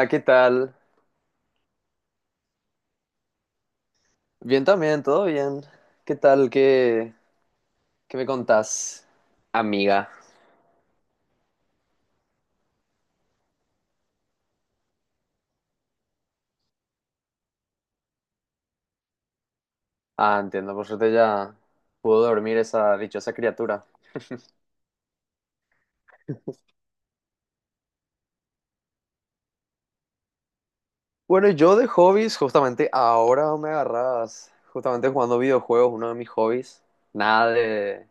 Hola, ¿qué tal? Bien también, todo bien. ¿Qué tal? Qué me contás, amiga? Ah, entiendo, por suerte ya pudo dormir esa dichosa criatura. Bueno, yo de hobbies, justamente ahora me agarras, justamente jugando videojuegos, uno de mis hobbies. Nada de,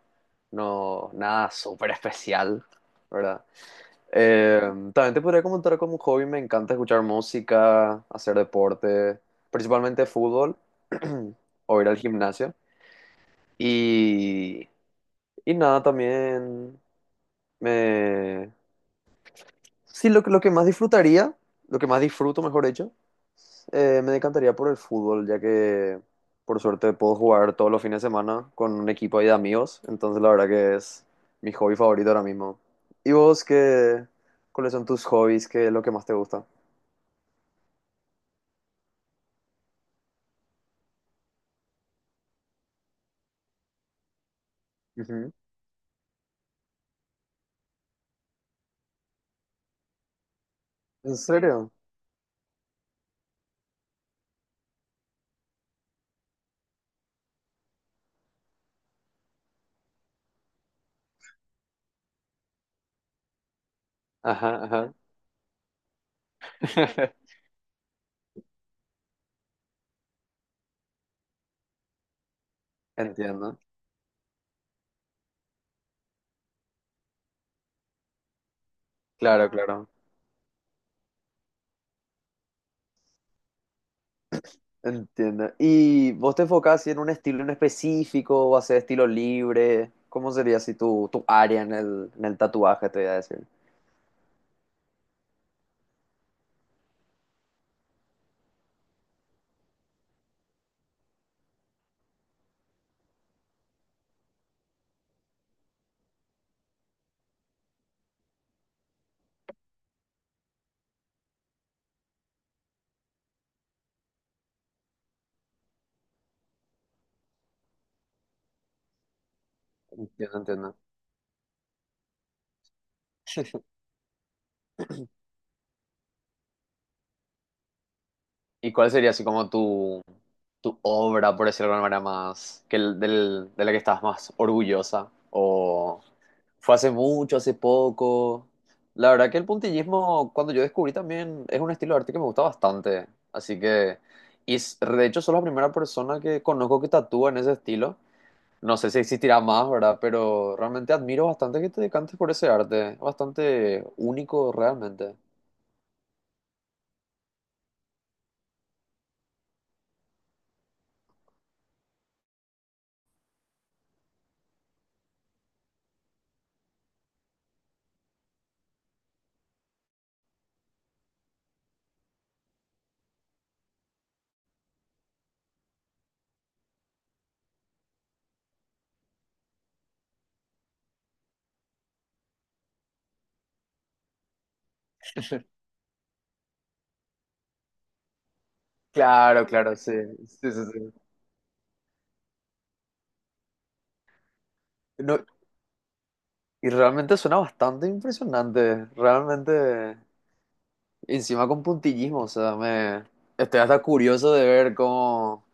no, nada súper especial, ¿verdad? Eh, también te podría comentar como un hobby, me encanta escuchar música, hacer deporte, principalmente fútbol o ir al gimnasio. Y, y nada, también me... Sí, lo que más disfrutaría, lo que más disfruto, mejor dicho, me decantaría por el fútbol, ya que por suerte puedo jugar todos los fines de semana con un equipo ahí de amigos, entonces la verdad que es mi hobby favorito ahora mismo. ¿Y vos qué, ¿cuáles son tus hobbies? ¿Qué es lo que más te gusta? Ujú. ¿En serio? Ajá, ajá. Entiendo. Claro, claro. Entiendo. ¿Y vos te enfocás así en un estilo en específico o haces estilo libre? ¿Cómo sería así tu, tu área en el tatuaje, te voy a decir? Entiendo, entiendo. ¿Y cuál sería así como tu obra, por decirlo de alguna manera, más, que el- del, de la que estás más orgullosa? ¿O fue hace mucho, hace poco? La verdad que el puntillismo, cuando yo descubrí también, es un estilo de arte que me gusta bastante. Así que, de hecho, soy la primera persona que conozco que tatúa en ese estilo. No sé si existirá más, ¿verdad? Pero realmente admiro bastante que te decantes por ese arte. Bastante único, realmente. Claro, claro, sí. Sí, sí, sí. No, y realmente suena bastante impresionante. Realmente, encima con puntillismo, o sea, me estoy hasta curioso de ver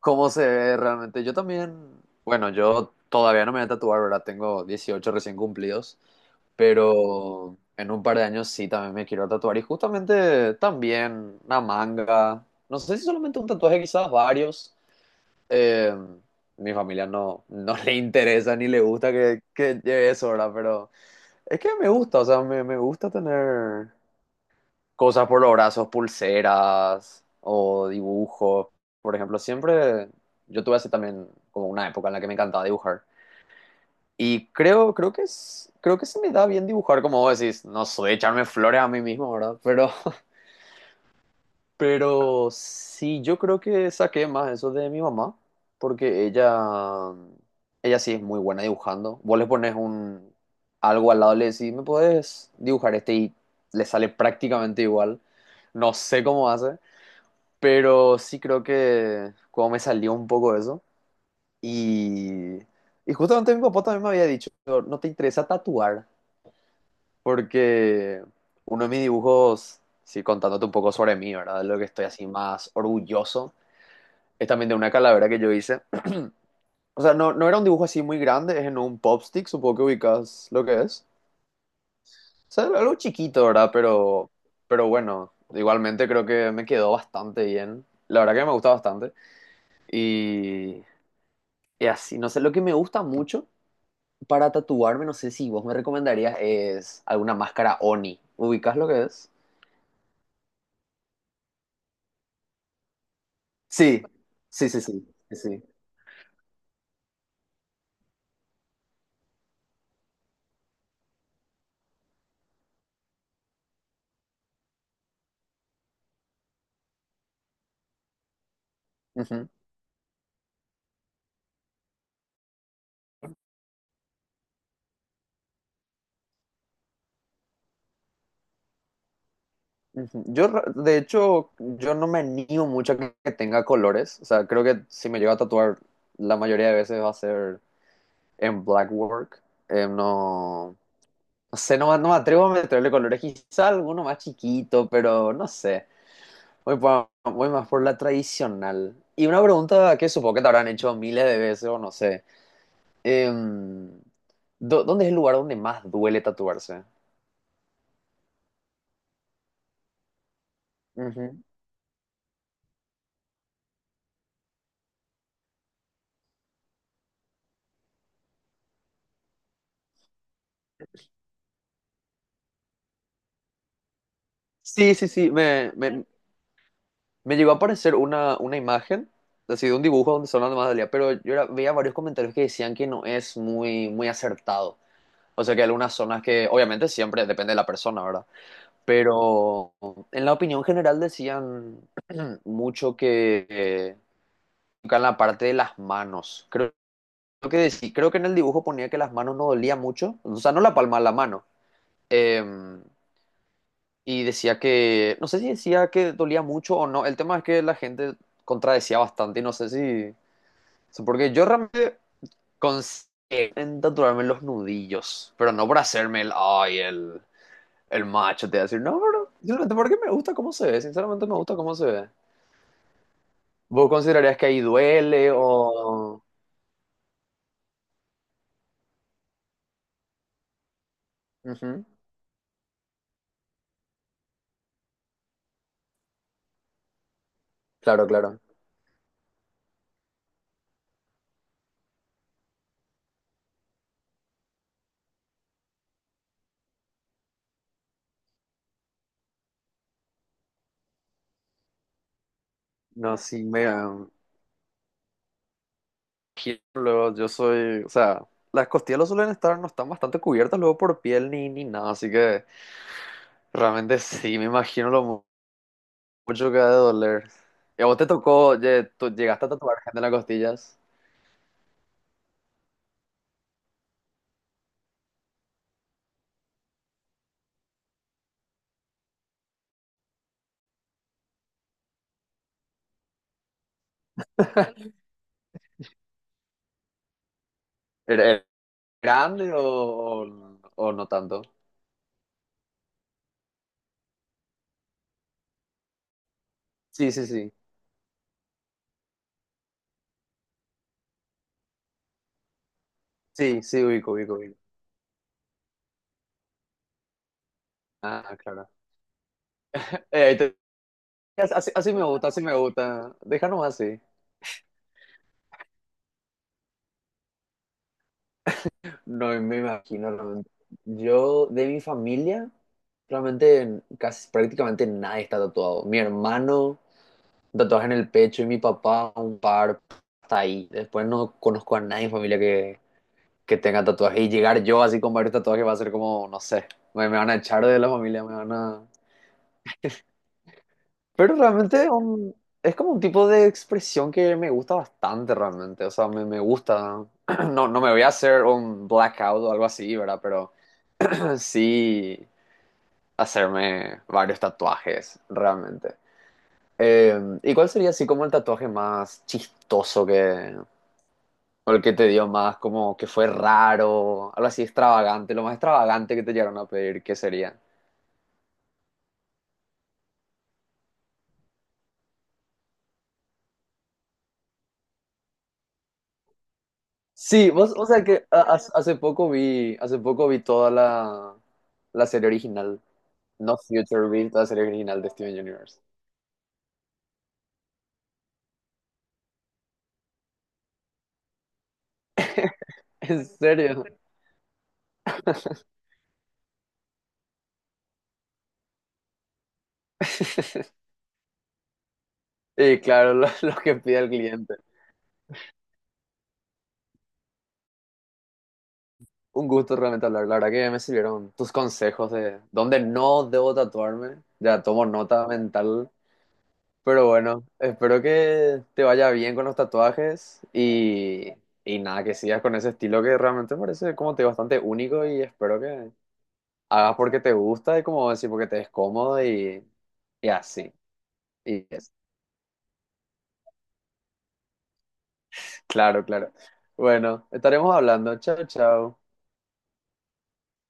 cómo se ve realmente. Yo también, bueno, yo todavía no me voy a tatuar, ¿verdad? Tengo 18 recién cumplidos, pero en un par de años sí también me quiero tatuar y justamente también una manga. No sé si solamente un tatuaje, quizás varios. Eh, mi familia no le interesa ni le gusta que lleve eso, ¿verdad? Pero es que me gusta, o sea, me gusta tener cosas por los brazos, pulseras o dibujos. Por ejemplo, siempre yo tuve así también como una época en la que me encantaba dibujar. Y creo que se me da bien dibujar, como vos decís, no soy echarme flores a mí mismo, ¿verdad? Pero, pero sí, yo creo que saqué más eso de mi mamá, porque ella sí es muy buena dibujando. Vos le pones algo al lado, le decís, ¿me puedes dibujar este? Y le sale prácticamente igual. No sé cómo hace. Pero sí creo que como me salió un poco eso. Y, y justamente mi papá también me había dicho, no te interesa tatuar, porque uno de mis dibujos, sí, contándote un poco sobre mí, ¿verdad? Lo que estoy así más orgulloso, es también de una calavera que yo hice. O sea, no era un dibujo así muy grande, es en un pop stick, supongo que ubicas lo que es. O sea, algo chiquito, ¿verdad? Pero bueno, igualmente creo que me quedó bastante bien. La verdad que me gusta bastante. Y, Y así, no sé, lo que me gusta mucho para tatuarme, no sé si vos me recomendarías, es alguna máscara Oni. ¿Ubicás lo que es? Sí, sí, sí, sí, sí, sí. Ujú, ujú. Yo, de hecho, yo no me animo mucho a que tenga colores. O sea, creo que si me llego a tatuar, la mayoría de veces va a ser en black work. Eh, no, no sé, no, no me atrevo a meterle colores. Quizá alguno más chiquito, pero no sé. Voy más por la tradicional. Y una pregunta que supongo que te habrán hecho miles de veces o no sé. Em, ¿Dónde es el lugar donde más duele tatuarse? Ujú. Sí, sí, sí. Me llegó a aparecer una imagen, así de un dibujo donde son las más dolía, pero veía varios comentarios que decían que no es muy, muy acertado. O sea, que hay algunas zonas que, obviamente, siempre depende de la persona, ¿verdad? Pero en la opinión general decían mucho que nunca en la parte de las manos. Creo que en el dibujo ponía que las manos no dolía mucho, o sea, no la palma, la mano. Eh, y decía que, no sé si decía que dolía mucho o no. El tema es que la gente contradecía bastante y no sé si, o sea, porque yo realmente consigo en tatuarme los nudillos, pero no por hacerme el macho, te voy a decir, no, pero simplemente porque me gusta cómo se ve, sinceramente me gusta cómo se ve. ¿Vos considerarías que ahí duele o...? Ujú, claro, claro. No, sí, me luego yo soy, o sea, las costillas lo suelen estar, no están bastante cubiertas luego por piel ni nada, así que realmente sí, me imagino mucho que ha de doler. ¿Y a vos te tocó, oye, tú llegaste a tatuar gente en las costillas? ¿Era grande o no tanto? Sí, sí, sí, sí, sí, ubico, ubico, ubico. Ah, claro. Eh, te- así, así me gusta, así me gusta. Déjanos así. No me imagino, realmente. Yo, de mi familia, realmente casi prácticamente nadie está tatuado. Mi hermano, tatuaje en el pecho, y mi papá, un par, hasta ahí. Después no conozco a nadie en familia que tenga tatuaje. Y llegar yo así con varios tatuajes va a ser como, no sé, me van a echar de la familia, me van a... Pero realmente es como un tipo de expresión que me gusta bastante realmente. O sea, me gusta. No, no me voy a hacer un blackout o algo así, ¿verdad? Pero sí, hacerme varios tatuajes, realmente. ¿Y cuál sería así como el tatuaje más chistoso que... o el que te dio más como que fue raro, algo así extravagante, lo más extravagante que te llegaron a pedir, qué sería? Sí, vos, o sea que hace poco vi toda la, la serie original, No Future, vi toda la serie original de Steven Universe. ¿En serio? Y claro, lo que pide el cliente. Un gusto realmente hablar. La verdad que me sirvieron tus consejos de dónde no debo tatuarme. Ya tomo nota mental. Pero bueno, espero que te vaya bien con los tatuajes y nada, que sigas con ese estilo que realmente me parece como te digo, bastante único y espero que hagas porque te gusta y como decir porque te es cómodo y así. Y es, claro, claro. Bueno, estaremos hablando. Chao, chao.